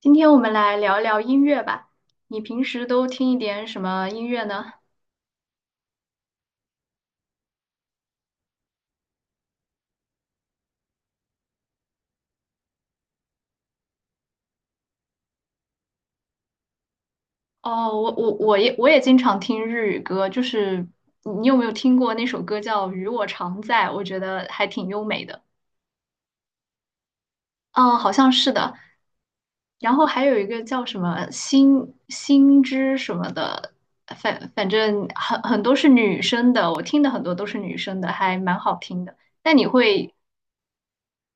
今天我们来聊聊音乐吧。你平时都听一点什么音乐呢？哦，我也经常听日语歌，就是你有没有听过那首歌叫《与我常在》？我觉得还挺优美的。嗯，好像是的。然后还有一个叫什么心什么的，反正很多是女生的，我听的很多都是女生的，还蛮好听的。那你会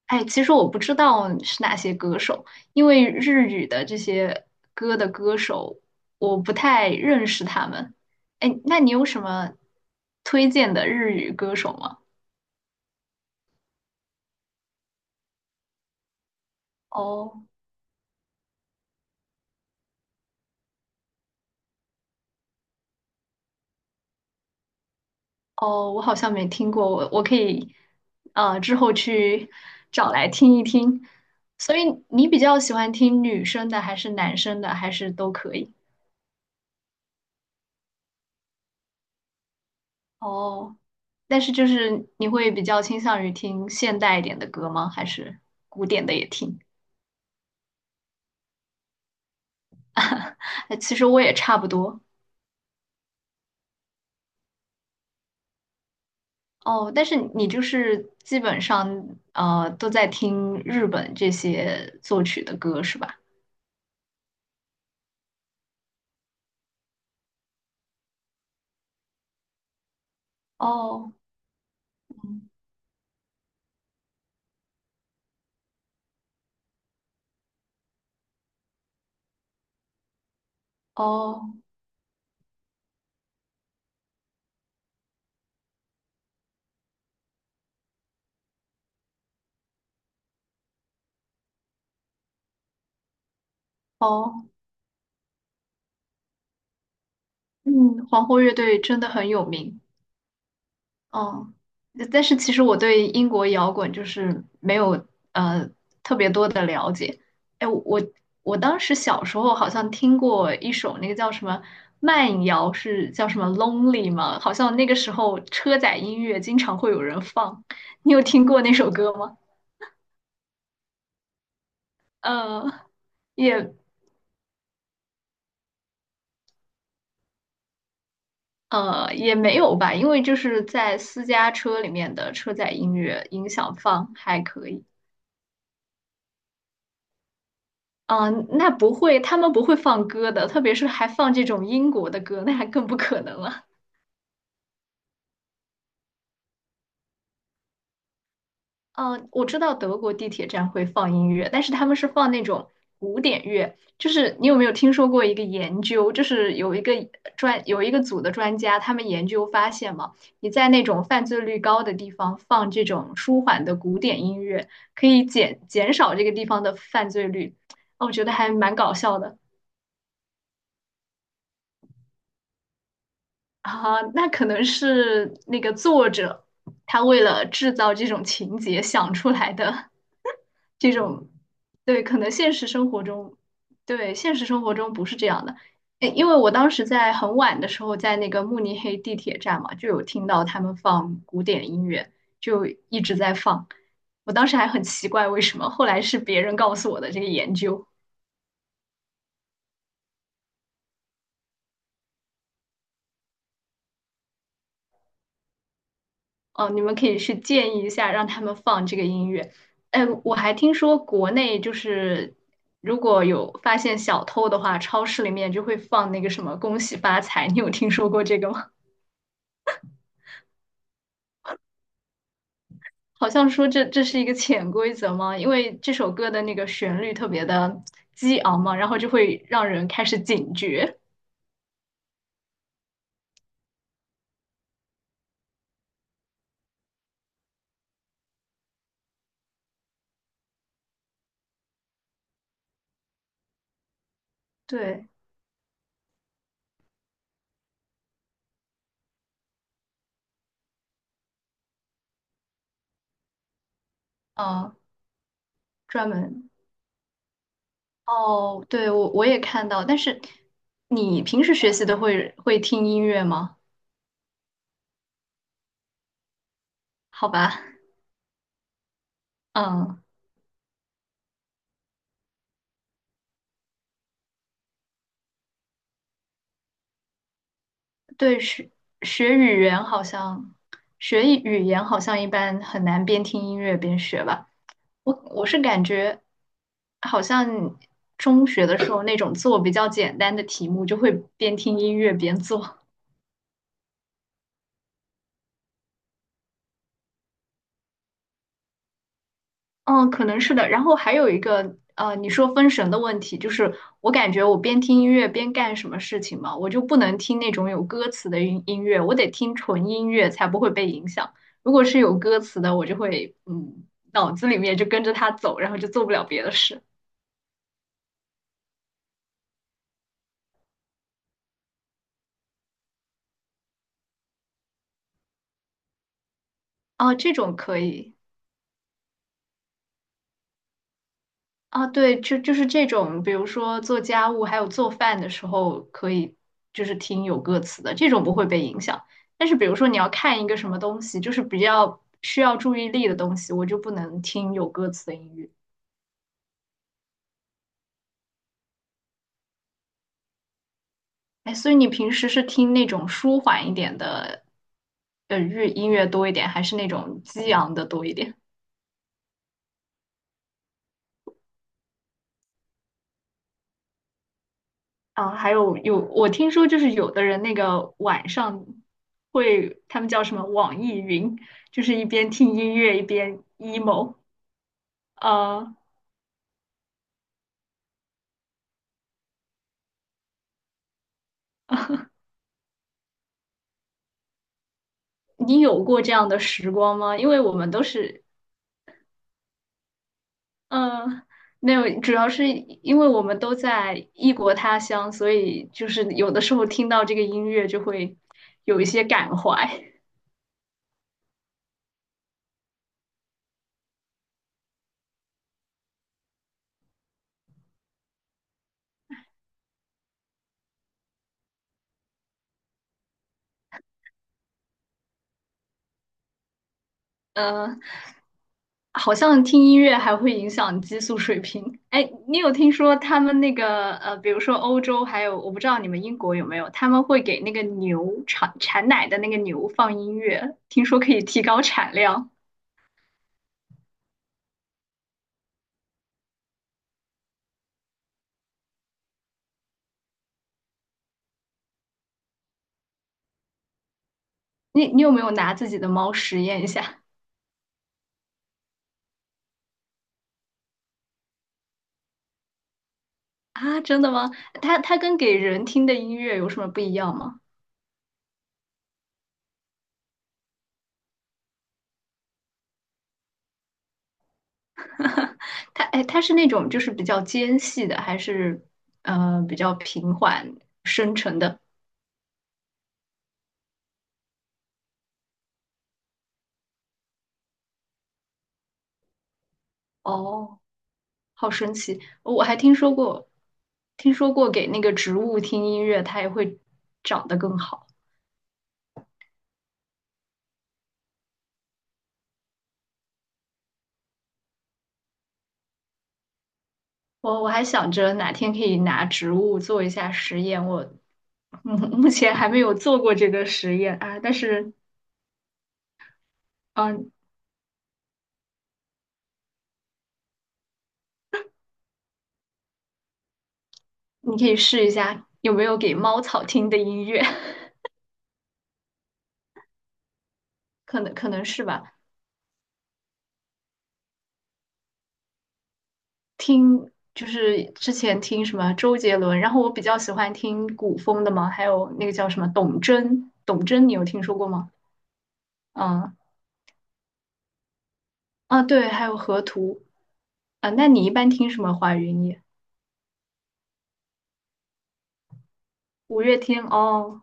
哎，其实我不知道是哪些歌手，因为日语的这些歌的歌手，我不太认识他们。哎，那你有什么推荐的日语歌手吗？哦哦，我好像没听过，我可以之后去找来听一听。所以你比较喜欢听女生的，还是男生的，还是都可以？哦，但是就是你会比较倾向于听现代一点的歌吗？还是古典的也听？哎，其实我也差不多哦，但是你就是基本上都在听日本这些作曲的歌是吧？哦嗯哦哦，嗯，皇后乐队真的很有名。哦，但是其实我对英国摇滚就是没有呃特别多的了解。哎，我当时小时候好像听过一首那个叫什么慢摇，是叫什么 Lonely 吗？好像那个时候车载音乐经常会有人放，你有听过那首歌吗？呃，也也没有吧，因为就是在私家车里面的车载音乐音响放还可以。嗯，那不会，他们不会放歌的，特别是还放这种英国的歌，那还更不可能了。嗯，我知道德国地铁站会放音乐，但是他们是放那种古典乐。就是你有没有听说过一个研究，就是有一个有一个组的专家，他们研究发现嘛，你在那种犯罪率高的地方放这种舒缓的古典音乐，可以减少这个地方的犯罪率。哦，我觉得还蛮搞笑的。啊，那可能是那个作者他为了制造这种情节想出来的 这种，对，可能现实生活中，对，现实生活中不是这样的。诶因为我当时在很晚的时候，在那个慕尼黑地铁站嘛，就有听到他们放古典音乐，就一直在放。我当时还很奇怪为什么，后来是别人告诉我的这个研究。哦，你们可以去建议一下，让他们放这个音乐。哎，我还听说国内就是如果有发现小偷的话，超市里面就会放那个什么"恭喜发财"，你有听说过这个吗？好像说这是一个潜规则吗？因为这首歌的那个旋律特别的激昂嘛，然后就会让人开始警觉。对，嗯，专门。哦，对，我也看到，但是你平时学习的会听音乐吗？好吧，嗯。对，学语言好像语言好像一般很难边听音乐边学吧。我是感觉好像中学的时候那种做比较简单的题目，就会边听音乐边做。嗯，可能是的。然后还有一个，你说分神的问题，就是我感觉我边听音乐边干什么事情嘛，我就不能听那种有歌词的音乐，我得听纯音乐才不会被影响。如果是有歌词的，我就会，脑子里面就跟着它走，然后就做不了别的事。哦，这种可以。啊，对，就是这种，比如说做家务还有做饭的时候，可以就是听有歌词的，这种不会被影响。但是比如说你要看一个什么东西，就是比较需要注意力的东西，我就不能听有歌词的音乐。哎，所以你平时是听那种舒缓一点的，音乐多一点，还是那种激昂的多一点？啊，还有，我听说就是有的人那个晚上会，他们叫什么网易云，就是一边听音乐一边 emo。啊。你有过这样的时光吗？因为我们都是，嗯、那主要是因为我们都在异国他乡，所以就是有的时候听到这个音乐就会有一些感怀。嗯、好像听音乐还会影响激素水平。哎，你有听说他们那个比如说欧洲，还有我不知道你们英国有没有，他们会给那个牛产奶的那个牛放音乐，听说可以提高产量。你有没有拿自己的猫实验一下 啊？真的吗？它跟给人听的音乐有什么不一样吗？它是那种就是比较尖细的，还是比较平缓深沉的？哦。好神奇！我还听说过，听说过给那个植物听音乐，它也会长得更好。我还想着哪天可以拿植物做一下实验，我嗯目前还没有做过这个实验啊，但是嗯、你可以试一下有没有给猫草听的音乐，可能是吧。听就是之前听什么周杰伦，然后我比较喜欢听古风的嘛，还有那个叫什么董贞，董贞你有听说过吗？嗯。啊，对，还有河图啊。那你一般听什么华语音乐？五月天哦，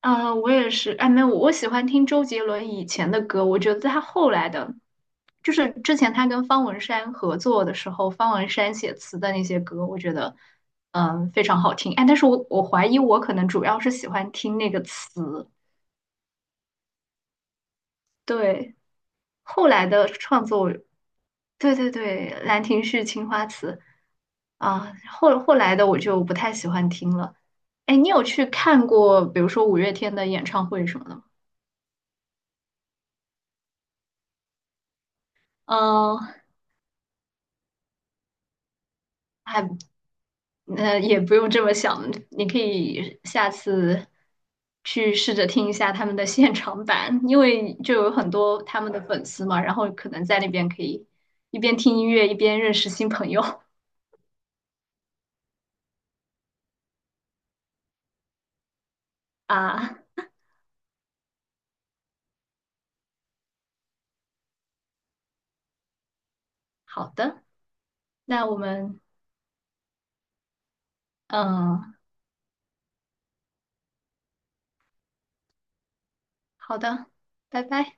啊，我也是。哎，没有，我喜欢听周杰伦以前的歌，我觉得他后来的，就是之前他跟方文山合作的时候，方文山写词的那些歌，我觉得嗯非常好听。哎，但是我怀疑我可能主要是喜欢听那个词，对，后来的创作对对对，《兰亭序》《青花瓷》啊，后来的我就不太喜欢听了。哎，你有去看过，比如说五月天的演唱会什么的吗？嗯，还也不用这么想，你可以下次去试着听一下他们的现场版，因为就有很多他们的粉丝嘛，然后可能在那边可以一边听音乐一边认识新朋友 啊。好的，那我们嗯，好的，拜拜。